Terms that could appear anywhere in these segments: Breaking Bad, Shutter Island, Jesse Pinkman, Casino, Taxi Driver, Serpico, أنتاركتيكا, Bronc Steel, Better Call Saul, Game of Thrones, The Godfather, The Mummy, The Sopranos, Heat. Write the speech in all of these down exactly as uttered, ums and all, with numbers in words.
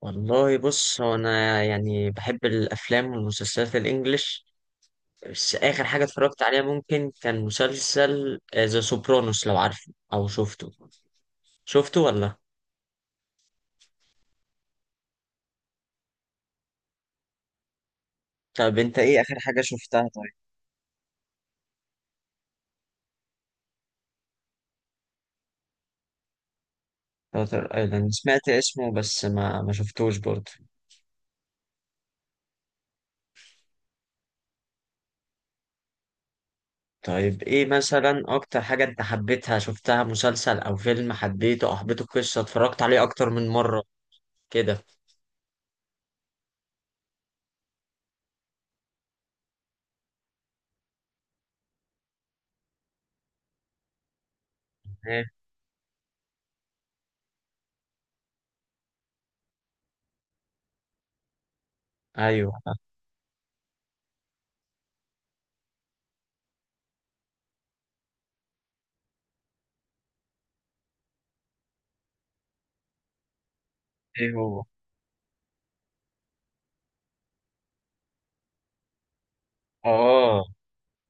والله، بص، هو انا يعني بحب الافلام والمسلسلات الانجليش. بس اخر حاجه اتفرجت عليها ممكن كان مسلسل ذا سوبرانوس، لو عارفه او شفته. شفته ولا؟ طب انت ايه اخر حاجه شفتها؟ طيب. شاتر ايلاند سمعت اسمه، بس ما ما شفتوش برضه. طيب ايه مثلا اكتر حاجه انت حبيتها شفتها، مسلسل او فيلم حبيته، او حبيته قصه اتفرجت عليه اكتر من مره؟ كده. ايه. ايوه. ايه. هو اه.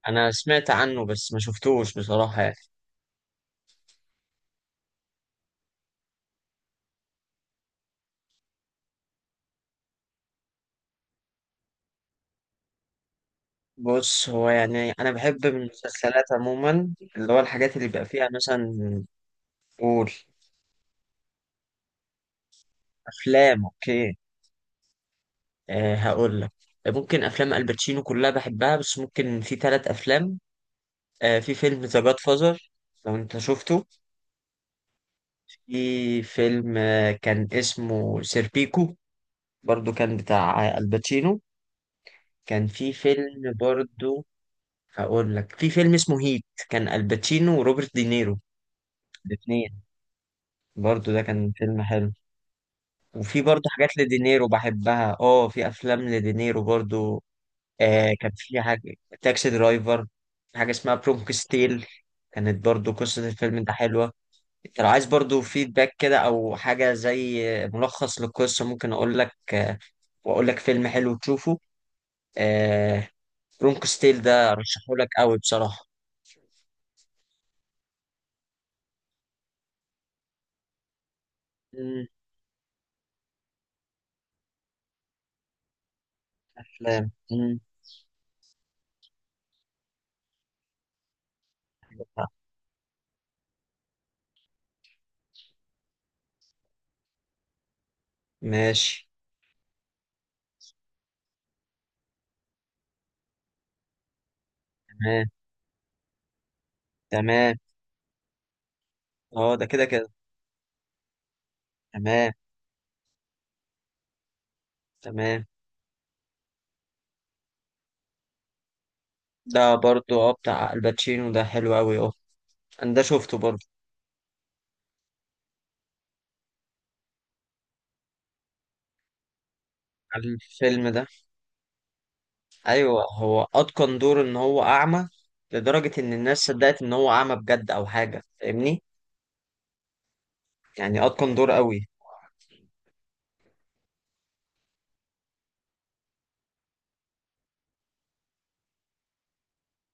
انا سمعت عنه بس ما شفتوش بصراحة يعني. بص، هو يعني انا بحب من المسلسلات عموما، اللي هو الحاجات اللي بيبقى فيها مثلا. قول. افلام، اوكي. أه، هقول لك. ممكن افلام الباتشينو كلها بحبها، بس ممكن في ثلاث افلام. أه، في فيلم ذا جاد فازر، لو انت شفته. في فيلم آه، كان اسمه سيربيكو، برضو كان بتاع الباتشينو. كان في فيلم برضو، هقول لك، في فيلم اسمه هيت، كان الباتشينو وروبرت دينيرو الاثنين. برضو ده كان فيلم حلو. وفي برضو حاجات لدينيرو بحبها، اه في افلام لدينيرو برضو. آه، كان في حاجة تاكسي درايفر. في حاجة اسمها برومك ستيل، كانت برضو قصة الفيلم ده حلوة. انت لو عايز برضو فيدباك كده، او حاجة زي ملخص للقصة، ممكن اقول لك، آه، واقول لك فيلم حلو تشوفه. آه، برومك ستيل ده ارشحه لك قوي بصراحة. مم، افلام. مم، ماشي. تمام. تمام. اه، ده كده كده. تمام. تمام. ده برضو اه بتاع الباتشينو، ده حلو قوي اه. انا ده شفته برضو. الفيلم ده؟ ايوه، هو اتقن دور ان هو اعمى، لدرجة ان الناس صدقت ان هو اعمى بجد او حاجة، فاهمني. يعني اتقن دور قوي.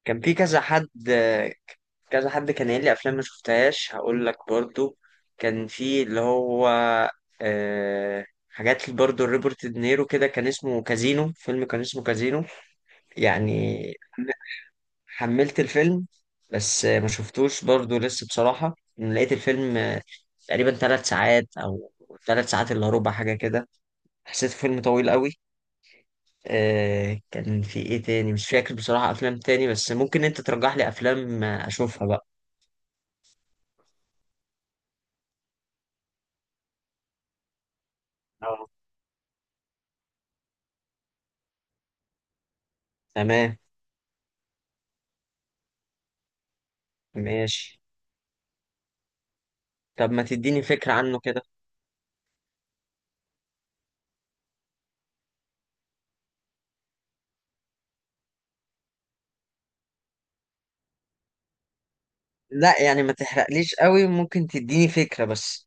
كان في كذا حد. كذا حد كان قايل لي افلام ما شفتهاش، هقول لك برضو. كان في اللي هو، آه، حاجات برضو روبرت دينيرو كده، كان اسمه كازينو، فيلم كان اسمه كازينو يعني. حملت الفيلم، بس ما شفتوش برضو لسه بصراحة. لقيت الفيلم تقريبا ثلاث ساعات، أو ثلاث ساعات إلا ربع، حاجة كده. حسيت فيلم طويل قوي. آه، كان في إيه تاني مش فاكر بصراحة، أفلام تاني، بس ممكن أنت ترجح لي أفلام أشوفها بقى. اه. تمام. ماشي. طب ما تديني فكرة عنه كده. لا يعني ما تحرقليش قوي، ممكن تديني فكرة بس.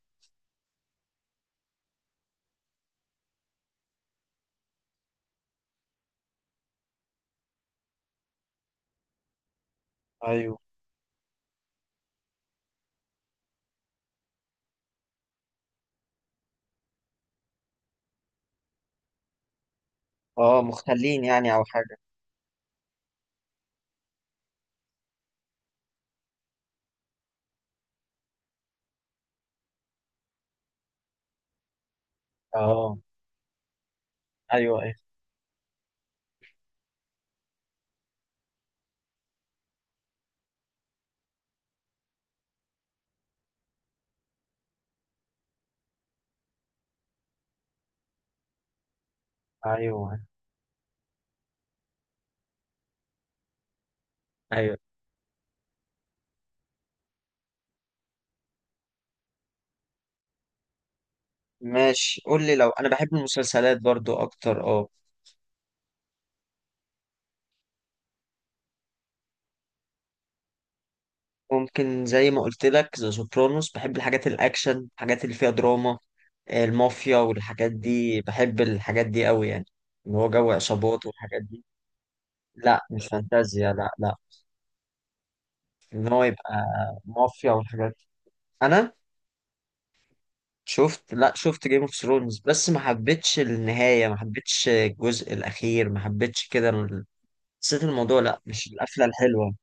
ايوه. اه، مخلين يعني أو حاجة. اه. ايوه ايوه ايوه. أيوة. ماشي، قول لي. لو انا بحب المسلسلات برضو اكتر اه. ممكن زي ما قلت لك، ذا سوبرانوس، بحب الحاجات الاكشن، الحاجات اللي فيها دراما، آه، المافيا والحاجات دي. بحب الحاجات دي قوي يعني، اللي هو جو عصابات والحاجات دي. لا مش فانتازيا، لا لا. ان هو يبقى مافيا والحاجات دي. انا شفت، لا شفت جيم اوف ثرونز، بس ما حبيتش النهاية، ما حبيتش الجزء الاخير، ما حبيتش كده. حسيت الموضوع لا، مش القفلة الحلوة.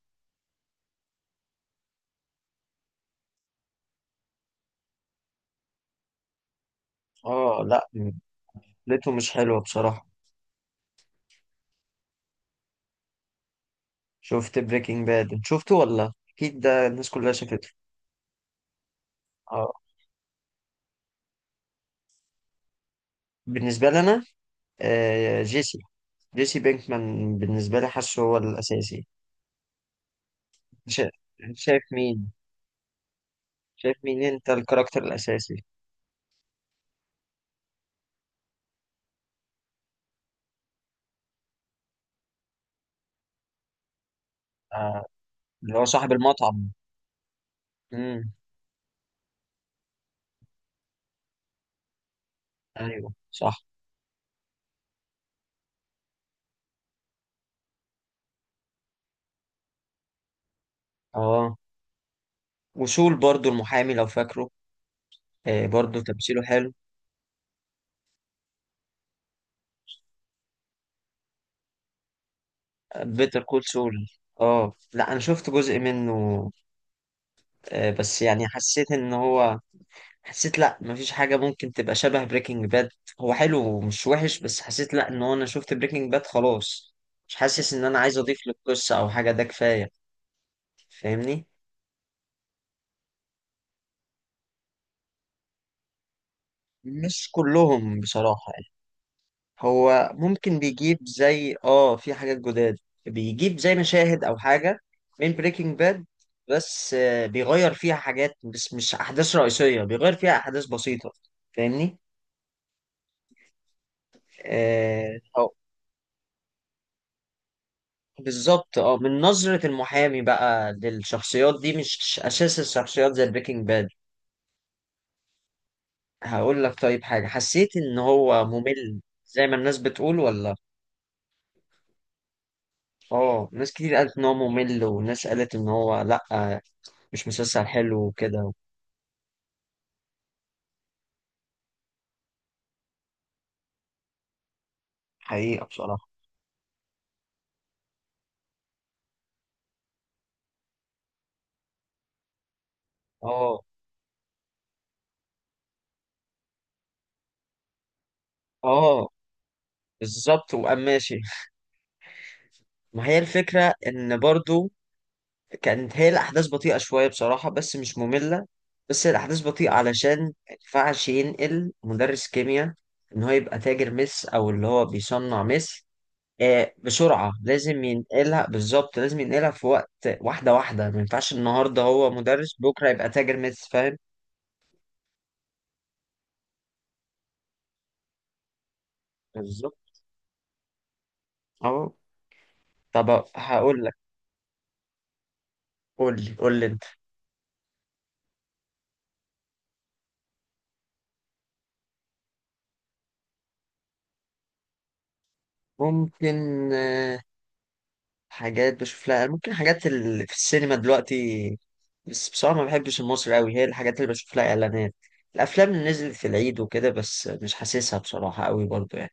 اه لا، قفلته مش حلوة بصراحة. شفت بريكنج باد. انت شفته ولا؟ اكيد ده الناس كلها شافته. اه. بالنسبه لي انا، آه، جيسي، جيسي بينكمان بالنسبه لي، حاسه هو الاساسي. شا- شايف مين؟ شايف مين انت الكاركتر الاساسي؟ آه، اللي هو صاحب المطعم. امم. ايوه صح. اه، وسول برضو المحامي، لو فاكره. آه، برضو تمثيله حلو. بيتر كول سول. اه، Better Call Saul. آه، لا، انا شفت جزء منه. آه، بس يعني حسيت ان هو، حسيت لا، مفيش حاجة ممكن تبقى شبه بريكنج باد. هو حلو ومش وحش، بس حسيت لا ان هو، انا شفت بريكنج باد خلاص، مش حاسس ان انا عايز اضيف للقصة او حاجة، ده كفاية. فاهمني. مش كلهم بصراحة يعني. هو ممكن بيجيب زي اه في حاجات جداد. بيجيب زي مشاهد او حاجة من بريكنج باد، بس آه، بيغير فيها حاجات، بس مش احداث رئيسية، بيغير فيها احداث بسيطة. فاهمني. آه بالظبط، اه من نظرة المحامي بقى للشخصيات دي، مش أساس الشخصيات زي بريكنج باد. هقول لك. طيب حاجة، حسيت إن هو ممل زي ما الناس بتقول ولا؟ اه، ناس كتير قالت إن هو ممل، وناس قالت إن هو لأ، مش مسلسل حلو وكده. حقيقة بصراحة. اه اه، بالظبط، وقام ماشي. ما هي الفكرة إن برضو كانت هي الأحداث بطيئة شوية بصراحة، بس مش مملة. بس هي الأحداث بطيئة علشان ما ينفعش ينقل مدرس كيمياء إن هو يبقى تاجر مس، أو اللي هو بيصنع مس. آه، بسرعة لازم ينقلها، بالظبط لازم ينقلها في وقت. واحدة واحدة، ما ينفعش النهاردة هو مدرس بكرة يبقى تاجر مس، فاهم. بالظبط. أهو. طب هقول لك. قول لي قول لي أنت. ممكن، آه، حاجات بشوف لها، ممكن حاجات اللي في السينما دلوقتي، بس بصراحة ما بحبش المصري قوي، هي الحاجات اللي بشوف لها إعلانات، الأفلام اللي نزلت في العيد وكده، بس مش حاسسها بصراحة قوي برضو يعني.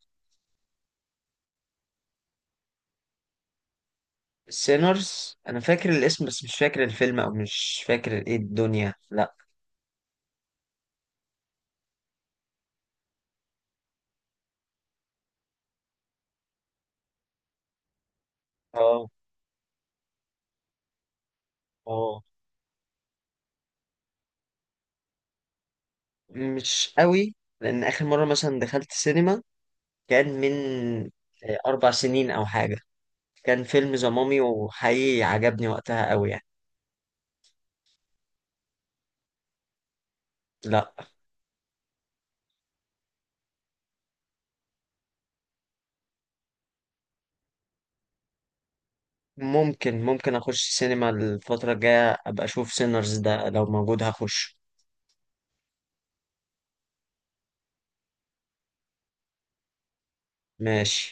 سينرز أنا فاكر الاسم، بس مش فاكر الفيلم، أو مش فاكر إيه الدنيا، لأ. اه. اه، مش قوي. لأن آخر مرة مثلا دخلت سينما كان من، آه، أربع سنين أو حاجة. كان فيلم ذا مامي، وحقيقي عجبني وقتها قوي يعني. لأ. ممكن ممكن اخش السينما الفترة الجاية، ابقى اشوف سينرز ده، لو موجود هخش. ماشي